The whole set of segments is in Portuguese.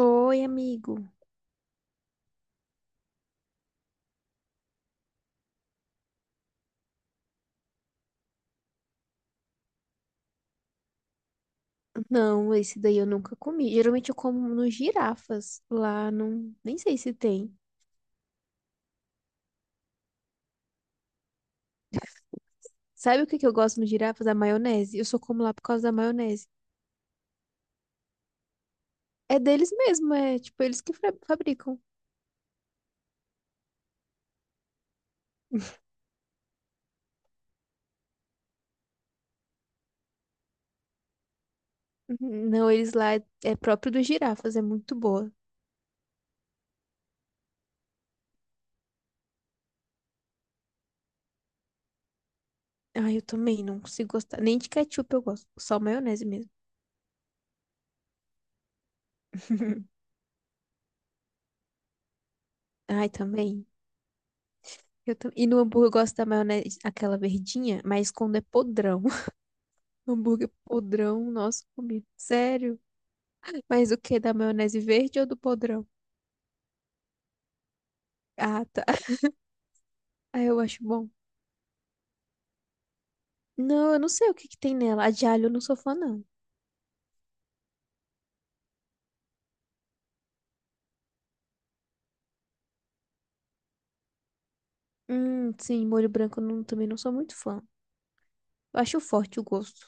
Oi, amigo. Não, esse daí eu nunca comi. Geralmente eu como nos girafas. Lá não, nem sei se tem. Sabe o que que eu gosto nos girafas? A maionese. Eu só como lá por causa da maionese. É deles mesmo, é tipo eles que fabricam. Uhum. Não, eles lá é próprio dos girafas, é muito boa. Ai, eu também não consigo gostar. Nem de ketchup eu gosto, só maionese mesmo. Ai, também. E no hambúrguer eu gosto da maionese, aquela verdinha, mas quando é podrão. Hambúrguer podrão, nossa comida. Sério. Mas o que? Da maionese verde ou do podrão? Ah, tá. Ah, eu acho bom. Não, eu não sei o que que tem nela. A de alho eu não sou fã, não. Sim, molho branco eu não, também não sou muito fã. Eu acho forte o gosto.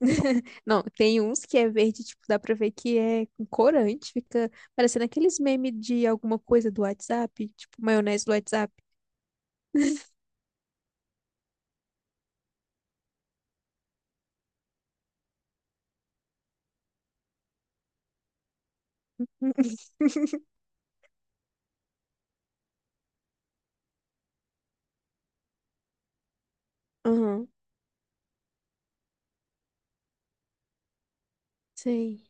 Não, tem uns que é verde, tipo, dá pra ver que é com corante. Fica parecendo aqueles memes de alguma coisa do WhatsApp, tipo, maionese do WhatsApp. Aham, sei.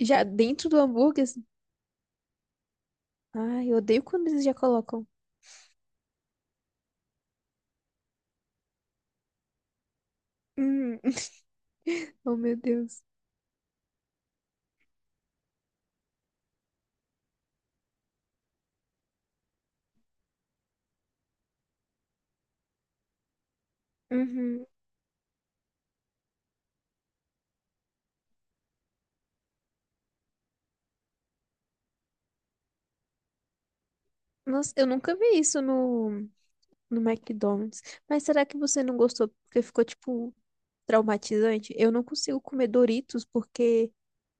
Já dentro do hambúrguer, assim, ai, eu odeio quando eles já colocam. Hum. Oh, meu Deus. Uhum. Nossa, eu nunca vi isso no McDonald's. Mas será que você não gostou porque ficou, tipo, traumatizante? Eu não consigo comer Doritos porque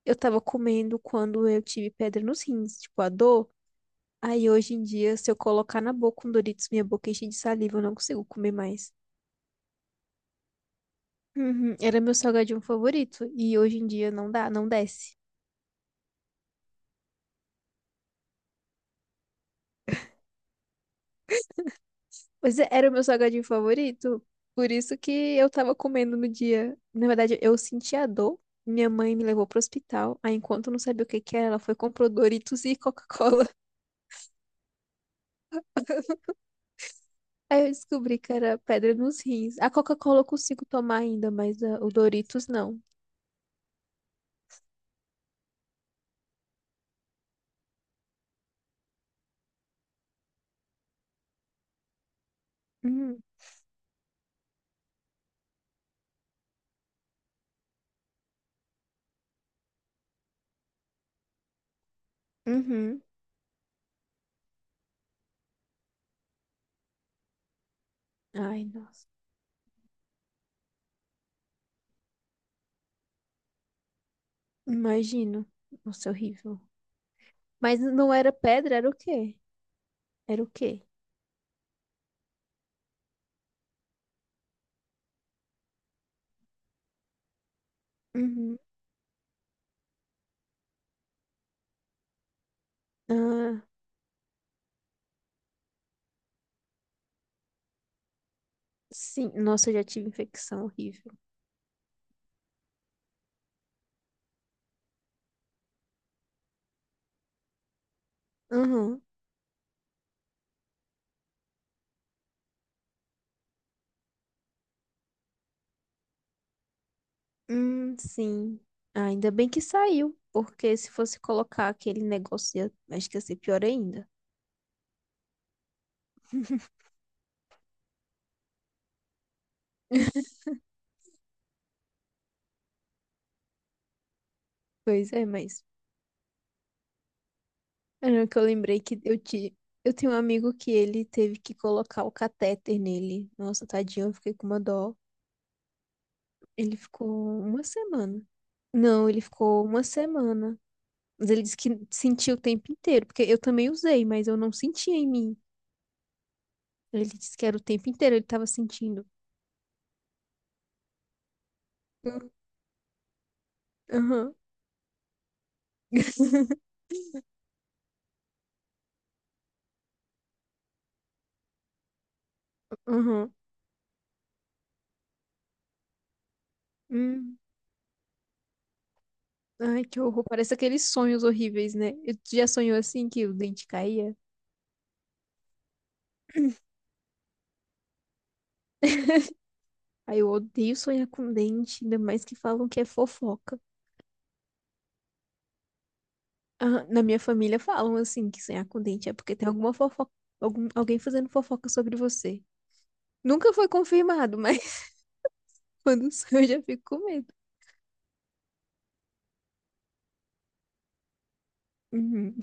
eu tava comendo quando eu tive pedra nos rins, tipo, a dor. Aí hoje em dia, se eu colocar na boca um Doritos, minha boca enche de saliva, eu não consigo comer mais. Uhum, era meu salgadinho favorito e hoje em dia não dá, não desce. Pois é, era o meu salgadinho favorito. Por isso que eu tava comendo no dia. Na verdade, eu senti a dor. Minha mãe me levou pro hospital. Aí, enquanto eu não sabia o que que era, ela foi e comprou Doritos e Coca-Cola. Aí eu descobri que era pedra nos rins. A Coca-Cola eu consigo tomar ainda, mas ah, o Doritos não. Hum, uhum. Ai, nossa. Imagino. Nossa, é horrível. Mas não era pedra, era o quê? Era o quê? Uhum. Ah, sim. Nossa, eu já tive infecção horrível. Uhum. Sim. Ah, ainda bem que saiu, porque se fosse colocar aquele negócio, acho que ia ser pior ainda. Pois é, mas era que eu lembrei que eu te... eu tenho um amigo que ele teve que colocar o catéter nele. Nossa, tadinho, eu fiquei com uma dó. Ele ficou uma semana. Não, ele ficou uma semana. Mas ele disse que sentiu o tempo inteiro, porque eu também usei, mas eu não sentia em mim. Ele disse que era o tempo inteiro, ele tava sentindo. Hum. Aham. Aham. Uhum. Ai, que horror. Parece aqueles sonhos horríveis, né? Já sonhou assim que o dente caía? Ai, eu odeio sonhar com dente, ainda mais que falam que é fofoca. Ah, na minha família falam assim que sonhar com dente é porque tem alguma fofoca, alguém fazendo fofoca sobre você. Nunca foi confirmado, mas quando sonho eu já fico com medo. Uhum.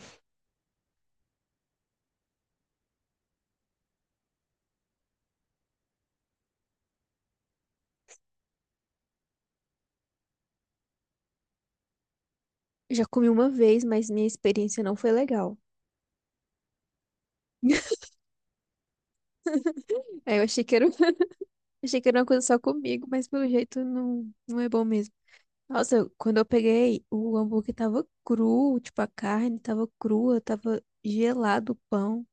Já comi uma vez, mas minha experiência não foi legal. Aí eu achei que era, achei que era uma coisa só comigo, mas pelo jeito não, não é bom mesmo. Nossa, quando eu peguei, o hambúrguer tava cru, tipo, a carne tava crua, tava gelado o pão.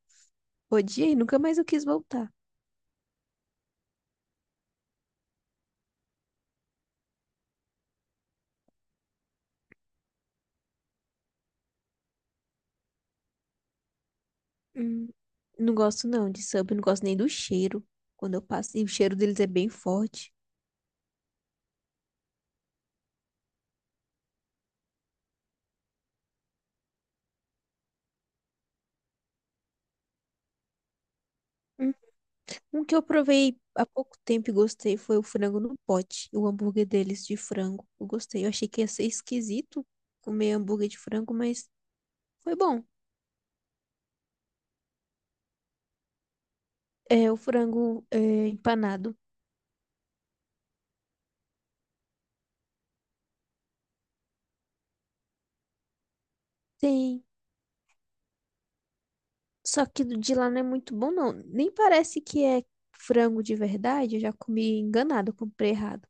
Odiei, nunca mais eu quis voltar. Hum. Não gosto não de sub, não gosto nem do cheiro. Quando eu passo, e o cheiro deles é bem forte. Hum. Um que eu provei há pouco tempo e gostei foi o frango no pote, o hambúrguer deles de frango. Eu gostei. Eu achei que ia ser esquisito comer hambúrguer de frango, mas foi bom. É o frango é, empanado. Tem. Só que do de lá não é muito bom, não. Nem parece que é frango de verdade. Eu já comi enganado, eu comprei errado.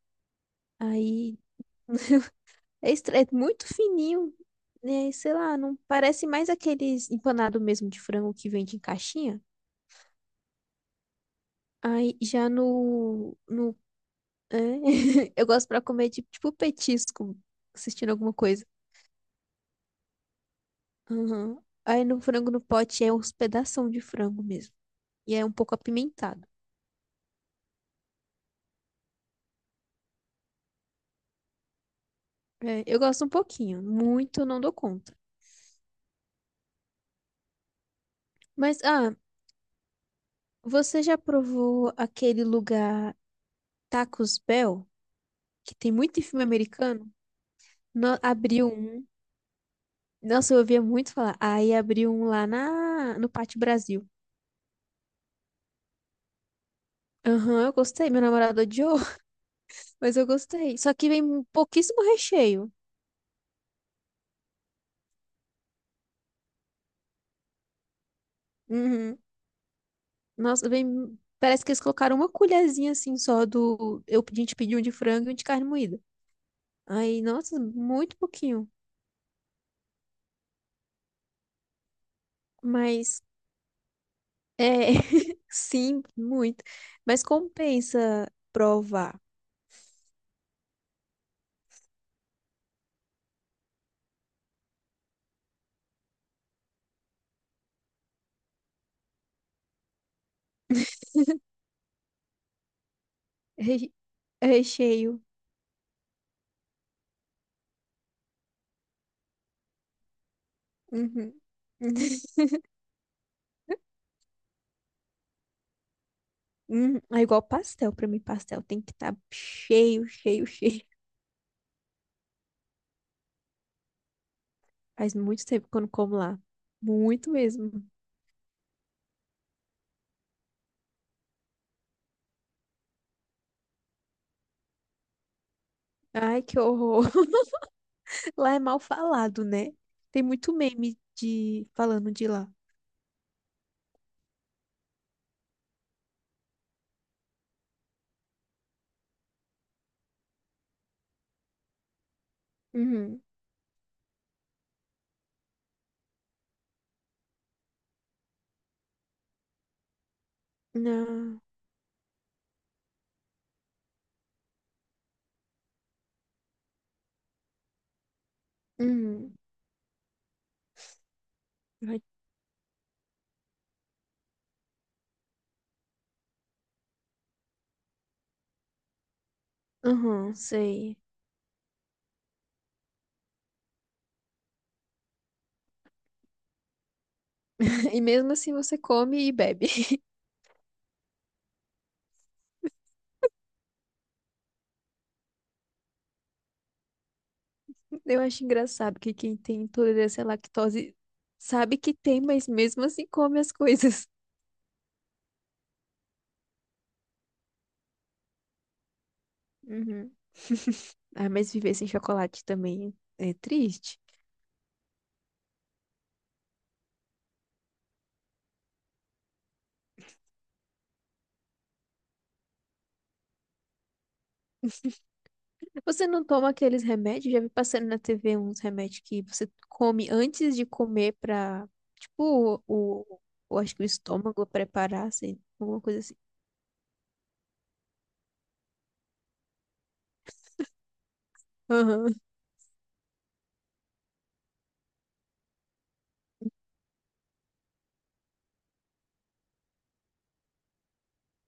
Aí é, é muito fininho. Né? Sei lá, não parece mais aqueles empanado mesmo de frango que vende em caixinha. Aí já no é, eu gosto pra comer de, tipo petisco, assistindo alguma coisa. Aham. Aí no frango no pote é uns pedação de frango mesmo. E é um pouco apimentado. É, eu gosto um pouquinho, muito eu não dou conta. Mas, ah, você já provou aquele lugar Tacos Bell, que tem muito em filme americano? Abriu um. Nossa, eu ouvia muito falar. Aí abriu um no Pátio Brasil. Aham, eu gostei. Meu namorado odiou, mas eu gostei. Só que vem pouquíssimo recheio. Uhum. Nossa, vem. Parece que eles colocaram uma colherzinha assim só do. Eu, a gente pediu um de frango e um de carne moída. Aí, nossa, muito pouquinho. Mas é, sim, muito. Mas compensa provar. Re- Recheio. Uhum. É igual pastel pra mim, pastel tem que estar cheio, cheio, cheio. Faz muito tempo que eu não como lá. Muito mesmo. Ai, que horror. Lá é mal falado, né? Tem muito meme de falando de lá. Uhum. Não. Uhum. Ai, uhum, sei. E mesmo assim você come e bebe. Eu acho engraçado que quem tem intolerância à lactose sabe que tem, mas mesmo assim come as coisas. Uhum. Ah, mas viver sem chocolate também é triste. Você não toma aqueles remédios? Já vi passando na TV uns remédios que você come antes de comer pra, tipo, eu acho que o estômago preparar, assim, alguma coisa assim. Aham.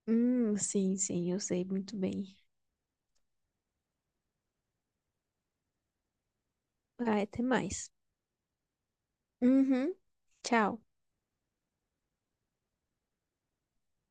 Sim, sim, eu sei muito bem. Ah, até mais. Uhum. Tchau.